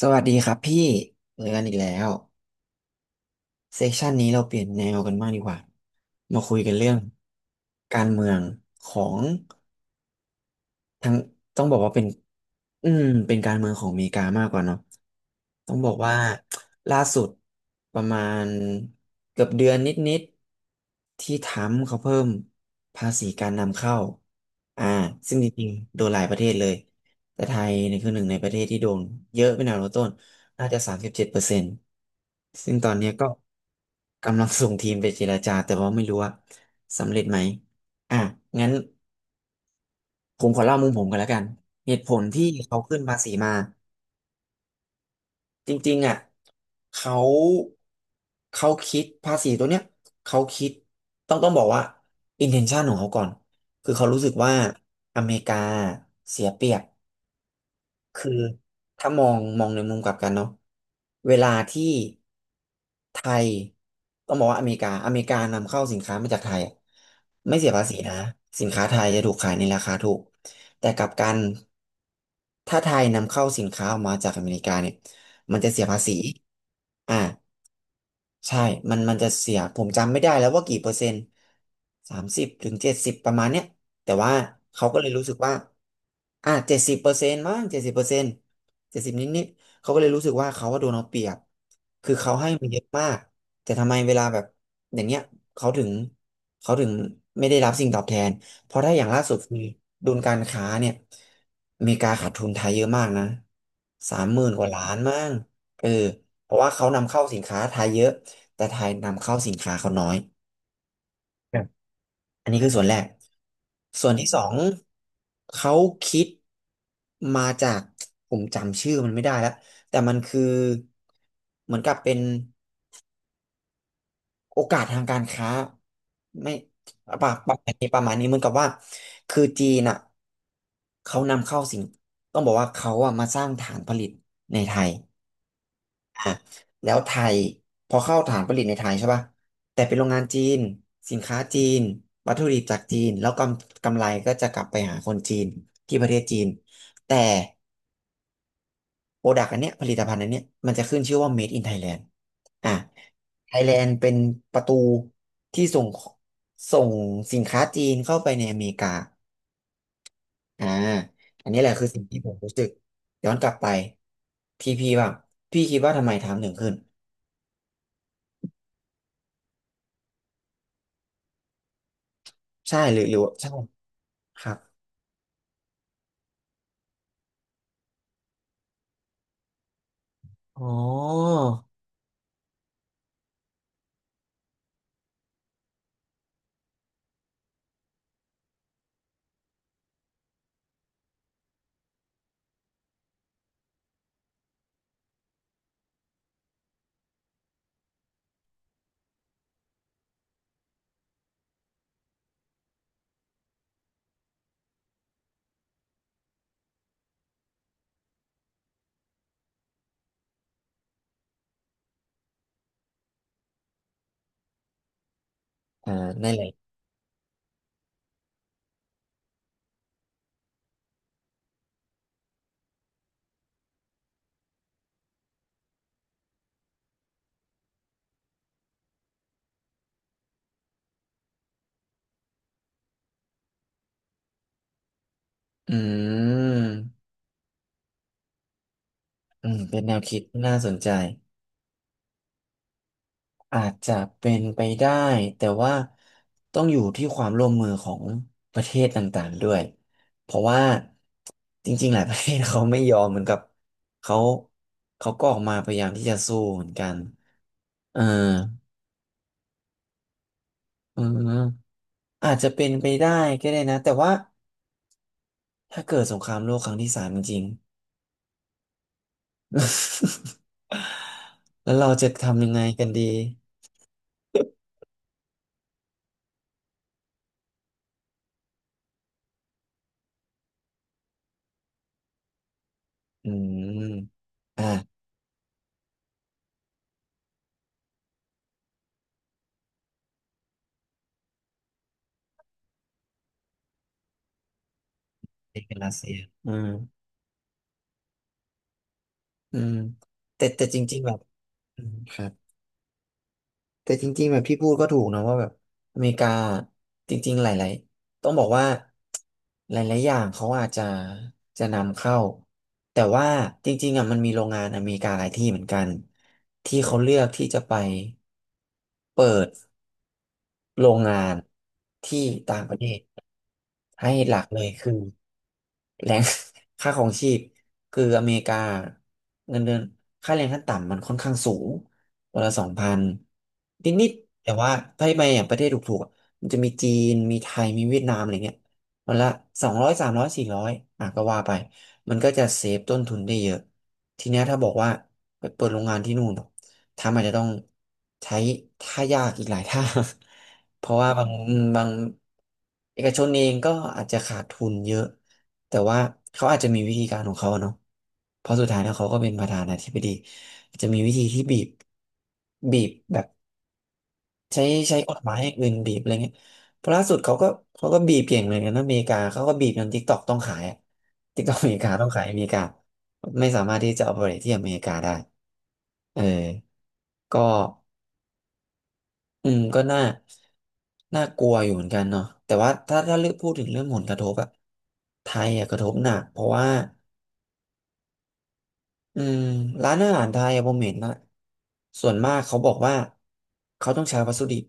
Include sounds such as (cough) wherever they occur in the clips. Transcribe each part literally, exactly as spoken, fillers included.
สวัสดีครับพี่เจอกันอีกแล้วเซสชันนี้เราเปลี่ยนแนวกันบ้างดีกว่ามาคุยกันเรื่องการเมืองของ ทั้งต้องบอกว่าเป็นอืมเป็นการเมืองของอเมริกามากกว่าเนาะต้องบอกว่าล่าสุดประมาณเกือบเดือนนิดๆที่ทรัมป์เขาเพิ่มภาษีการนำเข้าอ่าซึ่งจริงๆโดนหลายประเทศเลยแต่ไทยเนี่ยคือหนึ่งในประเทศที่โดนเยอะเป็นอันดับต้นน่าจะสามสิบเจ็ดเปอร์เซ็นต์ซึ่งตอนเนี้ยก็กำลังส่งทีมไปเจรจาแต่ว่าไม่รู้ว่าสำเร็จไหมอ่ะงั้น ผมขอเล่ามุมผมกันแล้วกันเหตุผลที่เขาขึ้นภาษีมาจริงๆอ่ะเขาเขาคิดภาษีตัวเนี้ยเขาคิดต้องต้องบอกว่า intention ของเขาก่อนคือเขารู้สึกว่าอเมริกาเสียเปรียบ คือถ้ามองมองในมุมกลับกันเนาะเวลาที่ไทยต้องบอกว่าอเมริกาอเมริกานำเข้าสินค้ามาจากไทยอะไม่เสียภาษีนะสินค้าไทยจะถูกขายในราคาถูกแต่กลับกันถ้าไทยนำเข้าสินค้าออกมาจากอเมริกาเนี่ยมันจะเสียภาษีอ่าใช่มันมันจะเสียผมจำไม่ได้แล้วว่ากี่เปอร์เซ็นต์สามสิบถึงเจ็ดสิบประมาณเนี้ย แต่ว่าเขาก็เลยรู้สึกว่าอ่ะเจ็ดสิบเปอร์เซ็นต์มั้งเจ็ดสิบเปอร์เซ็นต์เจ็ดสิบนิดๆเขาก็เลยรู้สึกว่าเขาว่าโดนเอาเปรียบ คือเขาให้มาเยอะมากแต่ทำไมเวลาแบบอย่างเงี้ยเขาถึงเขาถึงไม่ได้รับสิ่งตอบแทนเพราะถ้าอย่างล่าสุดคือดุลการค้าเนี่ยอเมริกาขาดทุนไทยเยอะมากนะสามหมื่นกว่าล้านมั้งเออเพราะว่าเขานำเข้าสินค้าไทยเยอะแต่ไทยนำเข้าสินค้าเขาน้อย อันนี้คือส่วนแรก ส่วนที่สองเขาคิดมาจากผมจำชื่อมันไม่ได้แล้วแต่มันคือเหมือนกับเป็นโอกาสทางการค้าไม่ประประมาณนี้ประมาณนี้เหมือนกับว่าคือจีนอ่ะเขานำเข้าสิ่งต้องบอกว่าเขาอ่ะมาสร้างฐานผลิตในไทย อ่ะแล้วไทยพอเข้าฐานผลิตในไทยใช่ป่ะแต่เป็นโรงงานจีนสินค้าจีนวัตถุดิบจากจีนแล้วกำกำไรก็จะกลับไปหาคนจีนที่ประเทศจีนแต่โปรดักต์อันเนี้ยผลิตภัณฑ์อันเนี้ยมันจะขึ้นชื่อว่า Made in Thailand อ่ะไทยแลนด์เป็นประตูที่ส่งส่งสินค้าจีนเข้าไปในอเมริกาอ่าอันนี้แหละคือสิ่งที่ผมรู้สึกย้อนกลับไปพี่พี่บ้างพี่คิดว่าทำไมไทม์ถึงขึ้นใช่หรือหรือใช่ ครับอ๋ออ่านั่นแหละอืมอืมเป็นแนวคิดน่าสนใจอาจจะเป็นไปได้แต่ว่าต้องอยู่ที่ความร่วมมือของประเทศต่างๆด้วยเพราะว่าจริงๆหลาย (laughs) ประเทศเขาไม่ยอมเหมือนกับเขาเขาก็ออกมาพยายามที่จะสู้เหมือนกันเออเอืมอาจจะเป็นไปได้ก็ได้นะแต่ว่าถ้าเกิดสงครามโลกครั้งที่สามจริง (laughs) แล้วเราจะทำยังไงกันดี อืมอ่านี่เป็นรัสเซียอืมอืมแต่แต่จริงๆแบบอืมครับแต่จริงๆแบบพี่พูดก็ถูกนะว่าแบบอเมริกาจริงๆหลายๆต้องบอกว่าหลายๆอย่างเขาอาจจะจะนำเข้าแต่ว่าจริงๆอ่ะมันมีโรงงานอเมริกาหลายที่เหมือนกันที่เขาเลือกที่จะไปเปิด โรงงานที่ต่างประเทศให้หลักเลยคือแรง (laughs) ค่าของชีพคืออเมริกาเงินเดือนค่าแรงขั้นต่ำมันค่อนข้างสูงวันละสองพันนิดๆแต่ว่าถ้าไปอย่างประเทศถูกๆอะมันจะมีจีนมีไทยมีเวียดนามอะไรเงี้ยวันละสองร้อยสามร้อยสี่ร้อยอ่ะก็ว่าไปมันก็จะเซฟต้นทุนได้เยอะทีเนี้ยถ้าบอกว่าไปเปิดโรงงานที่นู่น ถ้ามันจะต้องใช้ท่ายากอีกหลายท่า (laughs) เพราะว่าบางบางเอกชนเองก็อาจจะขาดทุนเยอะ แต่ว่าเขาอาจจะมีวิธีการของเขาอะเนาะเพราะสุดท้ายแล้วเขาก็เป็นประธานาธิบดีจะมีวิธีที่บีบบีบแบบใช้ใช้กฎหมายอย่างอื่นบีบอะไรเงี้ยเพราะล่าสุดเขาก็เขาก็บีบเก่งเหมือนกันนะอเมริกาเขาก็บีบจนทิกตอกต้องขายทิกตอกอเมริกาต้องขายอเมริกาไม่สามารถที่จะ operate ที่อเมริกาได้เออก็ อืมก็น่าน่ากลัวอยู่เหมือนกันเนาะแต่ว่าถ้าถ้าเลือกพูดถึงเรื่องผลกระทบอะไทยอะกระทบหนักเพราะว่าอืมร้านอาหารไทยอะผมเห็นนะส่วนมากเขาบอกว่าเขาต้องใช้วัสดุดิบ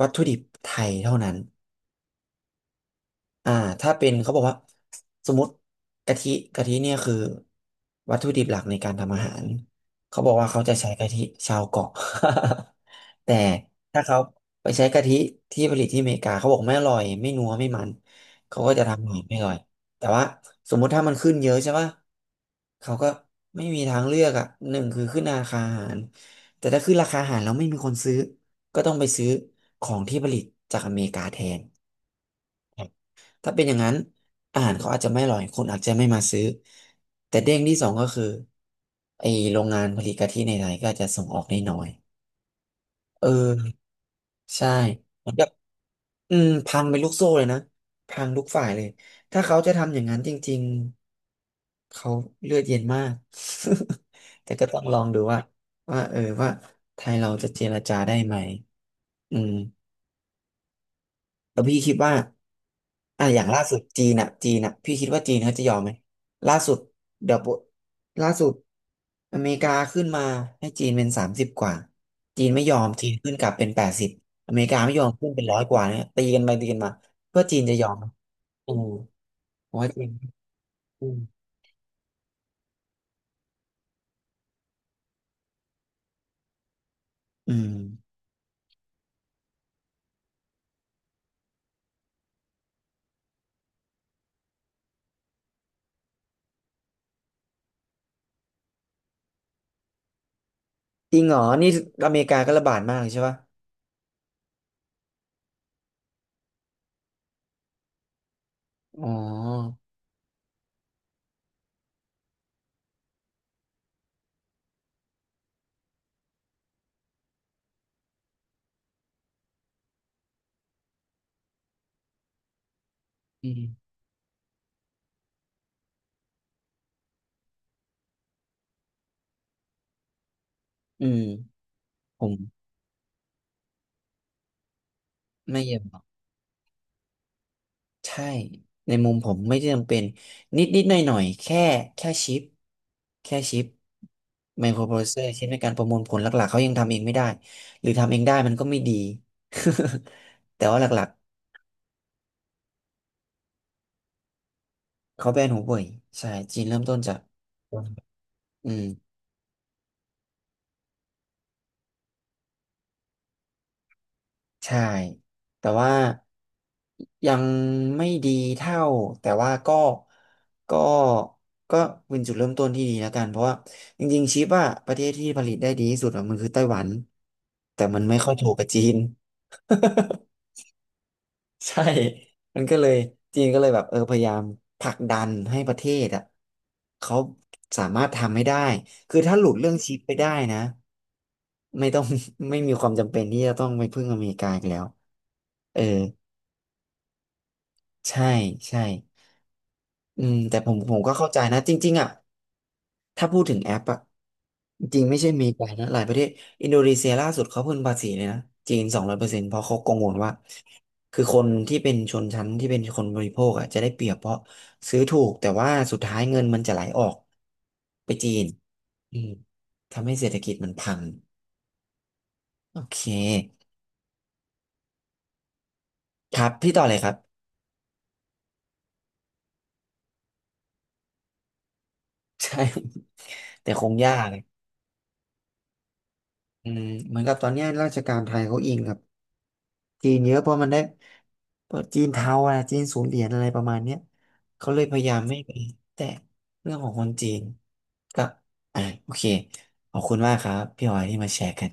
วัตถุดิบไทยเท่านั้น อ่าถ้าเป็นเขาบอกว่าสมมติกะทิกะทิเนี่ยคือวัตถุดิบหลักในการทำอาหารเขาบอกว่าเขาจะใช้กะทิชาวเกาะ (laughs) แต่ถ้าเขาไปใช้กะทิที่ผลิตที่อเมริกาเขาบอกไม่อร่อยไม่นัวไม่มันเขาก็จะทำอาหารไม่อร่อยแต่ว่าสมมุติถ้ามันขึ้นเยอะใช่ป่ะเขาก็ไม่มีทางเลือกอ่ะหนึ่งคือขึ้นราคาอาหารแต่ถ้าขึ้นราคาอาหารแล้วไม่มีคนซื้อก็ต้องไปซื้อของที่ผลิตจากอเมริกาแทน ถ้าเป็นอย่างนั้นอาหารเขาอาจจะไม่อร่อยคนอาจจะไม่มาซื้อแต่เด้งที่สองก็คือไอโรงงานผลิตกะทิในไทยก็อาจจะส่งออกได้น้อยเออใช่เหมือนกับอืมพังเป็นลูกโซ่เลยนะพังทุกฝ่ายเลยถ้าเขาจะทำอย่างนั้นจริงๆเขาเลือดเย็นมาก (laughs) แต่ก็ต้องลองดูว่าว่าเออว่าไทยเราจะเจรจาได้ไหมอืม แล้วพี่คิดว่าอ่ะอย่างล่าสุดจีนอ่ะจีนอ่ะพี่คิดว่าจีนเขาจะยอมไหมล่าสุดเดี๋ยวปุ๊บล่าสุดอเมริกาขึ้นมาให้จีนเป็นสามสิบกว่าจีนไม่ยอมจีนขึ้นกลับเป็นแปดสิบอเมริกาไม่ยอมขึ้นเป็นร้อยกว่าเนี่ยตีกันไปตีกันมาเพื่อจีนจะยอมไหมอืมผมว่าจีนอืมอืมจริงเหรอนี่อเมริกาก็ระบาดมากเลยใช่ปะอ๋ออืมอืมผมไม่เยี่ยม ใช่ในมุมผมไม่จำเป็นนิดนิดหน่อยหน่อยๆแค่แค่ชิปแค่ชิปไมโครโปรเซสเซอร์ชิปในการประมวลผลหลักๆเขายังทำเองไม่ได้หรือทำเองได้มันก็ไม่ดี (laughs) แต่ว่าหลักๆเขาแบนหูเว่ยใช่จีนเริ่มต้นจากอืม ใช่แต่ว่ายังไม่ดีเท่าแต่ว่าก็ก็ก็เป็นจุดเริ่มต้นที่ดีแล้วกันเพราะว่าจริงๆชิปอะประเทศที่ผลิตได้ดีที่สุดอะมันคือไต้หวันแต่มันไม่ค่อยถูกกับจีน (laughs) ใช่มันก็เลยจีนก็เลยแบบเออพยายามผลักดันให้ประเทศอะเขาสามารถทำให้ได้คือถ้าหลุดเรื่องชิปไปได้นะไม่ต้อง (laughs) ไม่มีความจำเป็นที่จะต้องไปพึ่งอเมริกาอีกแล้วเออ ใช่ใช่อืมแต่ผมผมก็เข้าใจนะจริงๆอ่ะถ้าพูดถึงแอปอ่ะจริงๆไม่ใช่มีไปนะหลายประเทศอินโดนีเซียล่าสุดเขาเพิ่งภาษีเลยนะจีนสองร้อยเปอร์เซ็นต์เพราะเขากังวลว่าคือคนที่เป็นชนชั้นที่เป็นคนบริโภคอ่ะจะได้เปรียบเพราะซื้อถูกแต่ว่าสุดท้ายเงินมันจะไหลออกไปจีนอืมทำให้เศรษฐกิจมันพังโอเคครับพี่ต่อเลยครับ (laughs) ใช่ (laughs) แต่คงยากอืมเหมือนกับตอนเนี้ยราชการไทยเขาอิงกับ จีนเยอะเพราะมันได้เพราะจีนเทาอะจีนศูนย์เหรียญอะไรประมาณเนี้ยเขาเลยพยายามไม่ไปแตะเรื่องของคนจีนก็อ่ะโอเคขอบคุณมากครับพี่ออยที่มาแชร์กัน